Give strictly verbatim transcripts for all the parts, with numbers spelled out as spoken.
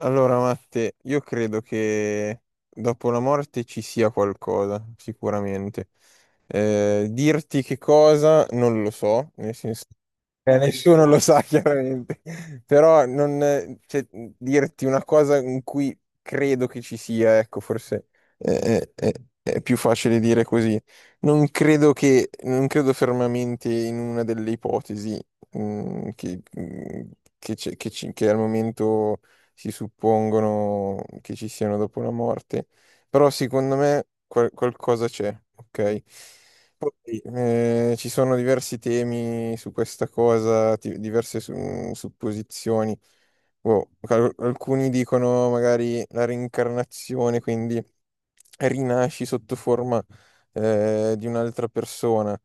Allora, Matte, io credo che dopo la morte ci sia qualcosa, sicuramente. Eh, dirti che cosa non lo so, nel senso eh, nessuno lo sa chiaramente, però non, eh, cioè, dirti una cosa in cui credo che ci sia, ecco, forse eh, eh, eh, è più facile dire così. Non credo che, non credo fermamente in una delle ipotesi mm, che, mm, che c'è- che ci- che al momento si suppongono che ci siano dopo la morte, però secondo me qual- qualcosa c'è, ok? Poi, eh, ci sono diversi temi su questa cosa, ti- diverse su- supposizioni. Boh, al- alcuni dicono magari la reincarnazione, quindi rinasci sotto forma eh, di un'altra persona,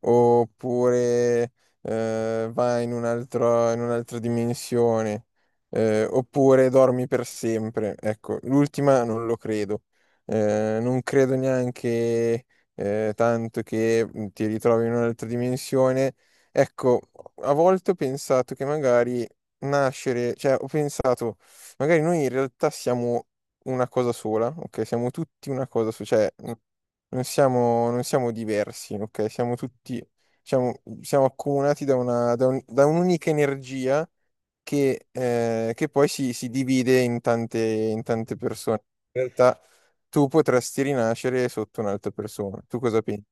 oppure eh, vai in un altro- in un'altra dimensione, eh, oppure dormi per sempre. Ecco, l'ultima non lo credo. Eh, non credo neanche eh, tanto che mhmm, ti ritrovi in un'altra dimensione. Ecco, a volte ho pensato che magari nascere, cioè ho pensato, magari noi in realtà siamo una cosa sola, ok? Siamo tutti una cosa sola, cioè mhmm, non siamo, non siamo diversi, ok? Siamo tutti, siamo, siamo accomunati da una, da un- da un'unica energia che, eh, che poi si, si divide in tante, in tante persone. In realtà tu potresti rinascere sotto un'altra persona. Tu cosa pensi?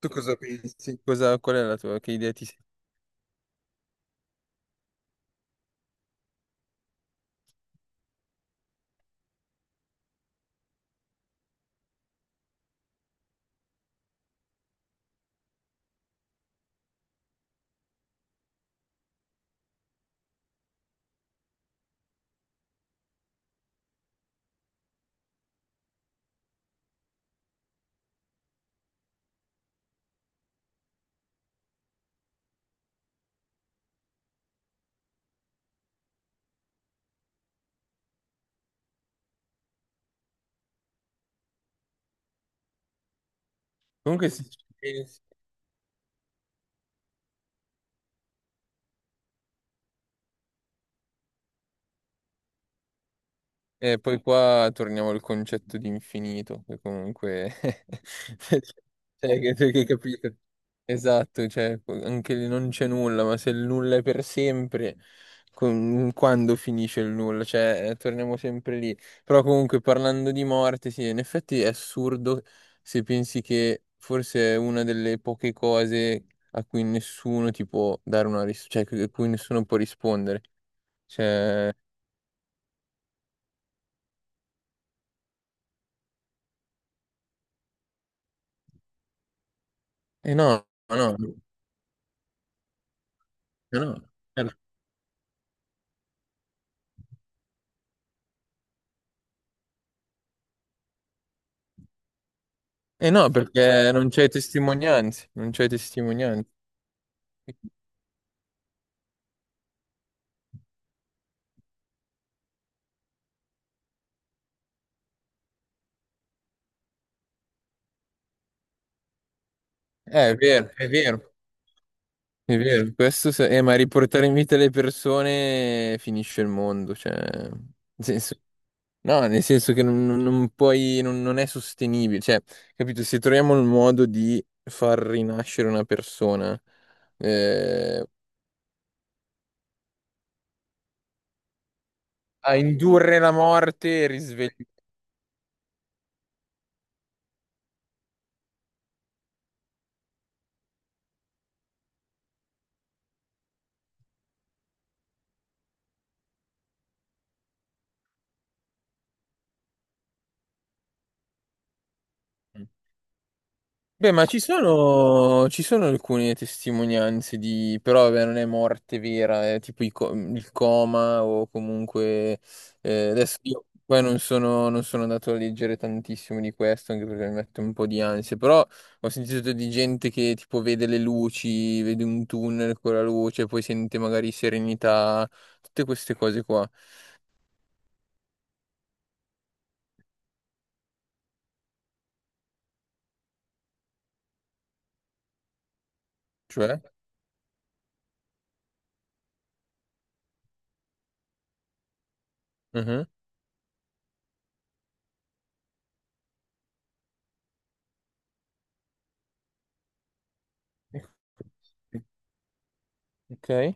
Tu cosa pensi? Cosa- qual è la tua, che idea ti sei? Comunque sì. E poi qua torniamo al concetto di infinito, che comunque... cioè, che, che capito? Esatto, cioè, anche lì non c'è nulla, ma se il nulla è per sempre, con- quando finisce il nulla? Cioè, eh, torniamo sempre lì. Però comunque parlando di morte, sì, in effetti è assurdo se pensi che forse è una delle poche cose a cui nessuno ti può dare una risposta, cioè a cui nessuno può rispondere. Cioè, eh no, no. No. Eh no, eh no, Eh no, perché non c'è testimonianze, non c'è testimonianze. Eh, è vero, è vero, è vero. Questo se- eh, Ma riportare in vita le persone finisce il mondo, cioè, nel senso- no, nel senso che non, non- non puoi, non, non è sostenibile, cioè, capito? Se troviamo il modo di far rinascere una persona, eh, a indurre la morte e risvegliarla. Beh, ma ci sono, ci sono alcune testimonianze di, però vabbè, non è morte vera, è tipo i co- il coma o comunque... eh, adesso io poi non sono, non sono andato a leggere tantissimo di questo, anche perché mi mette un po' di ansia, però ho sentito di gente che tipo vede le luci, vede un tunnel con la luce, poi sente magari serenità, tutte queste cose qua. Cioè? Mhm. Ok,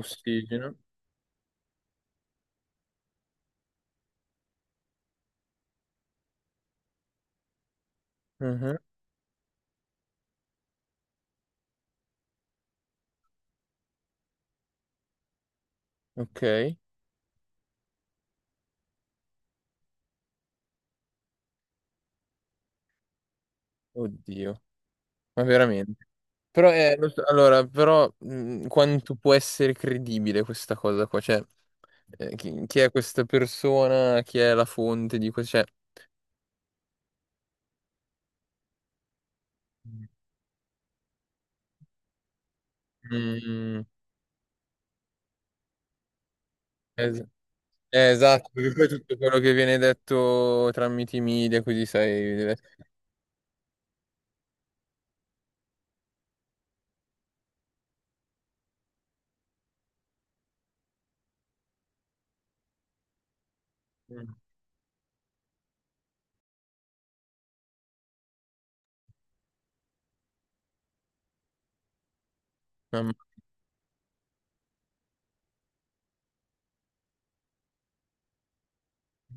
ossigeno. Mhm. Ok, oddio. Ma veramente. Però, eh, lo so- allora, però mh, quanto può essere credibile questa cosa qua? Cioè, eh, chi, chi è questa persona? Chi è la fonte di questo? Cioè, mm, es- eh, esatto, perché poi tutto quello che viene detto tramite i media, così sai, deve... Mm. Mamma,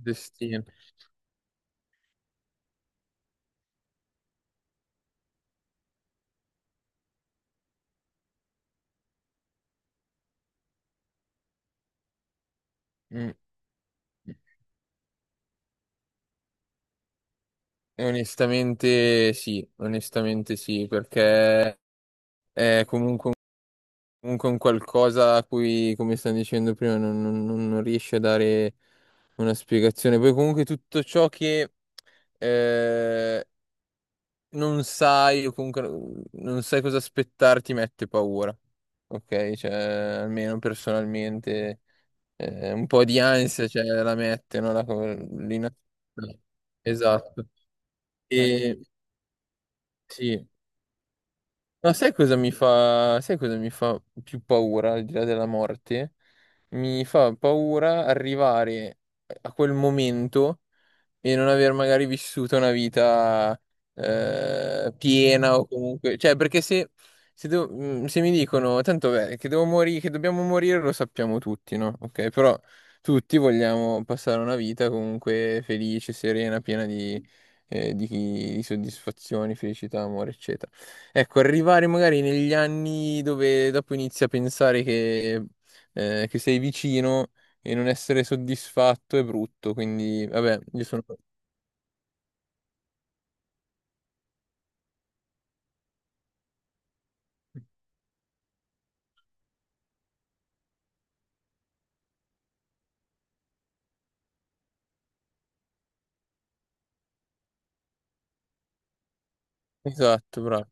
destino. Mm. Onestamente sì, onestamente sì, perché è comunque comunque un qualcosa a cui, come stanno dicendo prima, non, non- non- non riesce a dare una spiegazione. Poi comunque tutto ciò che eh, non sai o comunque non sai cosa aspettarti mette paura. Ok? Cioè, almeno personalmente eh, un po' di ansia cioè, la mette, no? La, co- l'ina- Esatto. Eh, E sì. Ma sai cosa mi fa, sai cosa mi fa più paura al di là della morte? Mi fa paura arrivare a quel momento e non aver magari vissuto una vita eh, piena o comunque, cioè perché se, se devo- mm, se mi dicono tanto beh, che devo morire, che dobbiamo morire lo sappiamo tutti, no? Ok, però tutti vogliamo passare una vita comunque felice, serena, piena di, eh, di di soddisfazioni, felicità, amore, eccetera. Ecco, arrivare magari negli anni dove dopo inizi a pensare che, eh, che sei vicino e non essere soddisfatto è brutto, quindi vabbè, io sono... Esatto, bravo.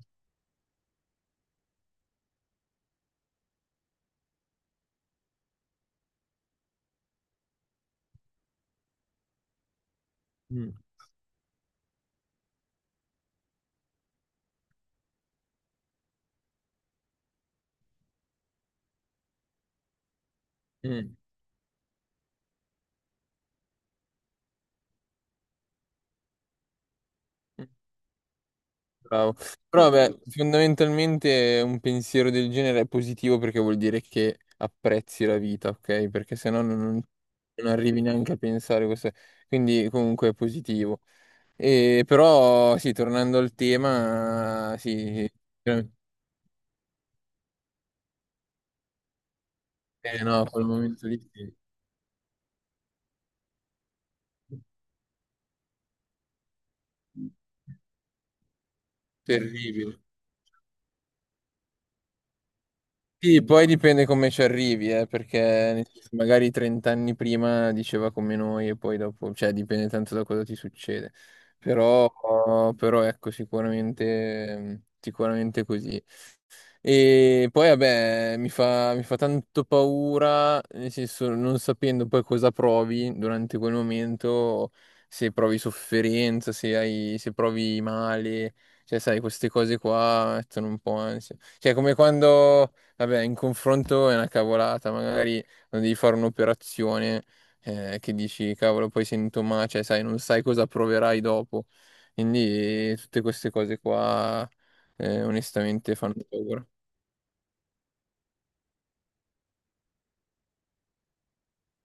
Mm, mm, mm. Bravo. Però beh, fondamentalmente un pensiero del genere è positivo perché vuol dire che apprezzi la vita, ok? Perché se no non, non arrivi neanche a pensare questo. Quindi comunque è positivo. E però sì, tornando al tema, sì, sì, eh, no, quel momento lì sì. Terribile. Sì, poi dipende come ci arrivi, eh, perché nel senso, magari trenta anni prima diceva come noi e poi dopo, cioè dipende tanto da cosa ti succede. Però, però ecco, sicuramente, sicuramente così. E poi, vabbè, mi fa, mi fa tanto paura, nel senso, non sapendo poi cosa provi durante quel momento, se provi sofferenza, se hai, se provi male, cioè, sai, queste cose qua mettono un po' ansia. Cioè, come quando, vabbè, in confronto è una cavolata, magari quando devi fare un'operazione, eh, che dici, cavolo, poi sento male, cioè, sai, non sai cosa proverai dopo. Quindi, eh, tutte queste cose qua, eh, onestamente fanno paura.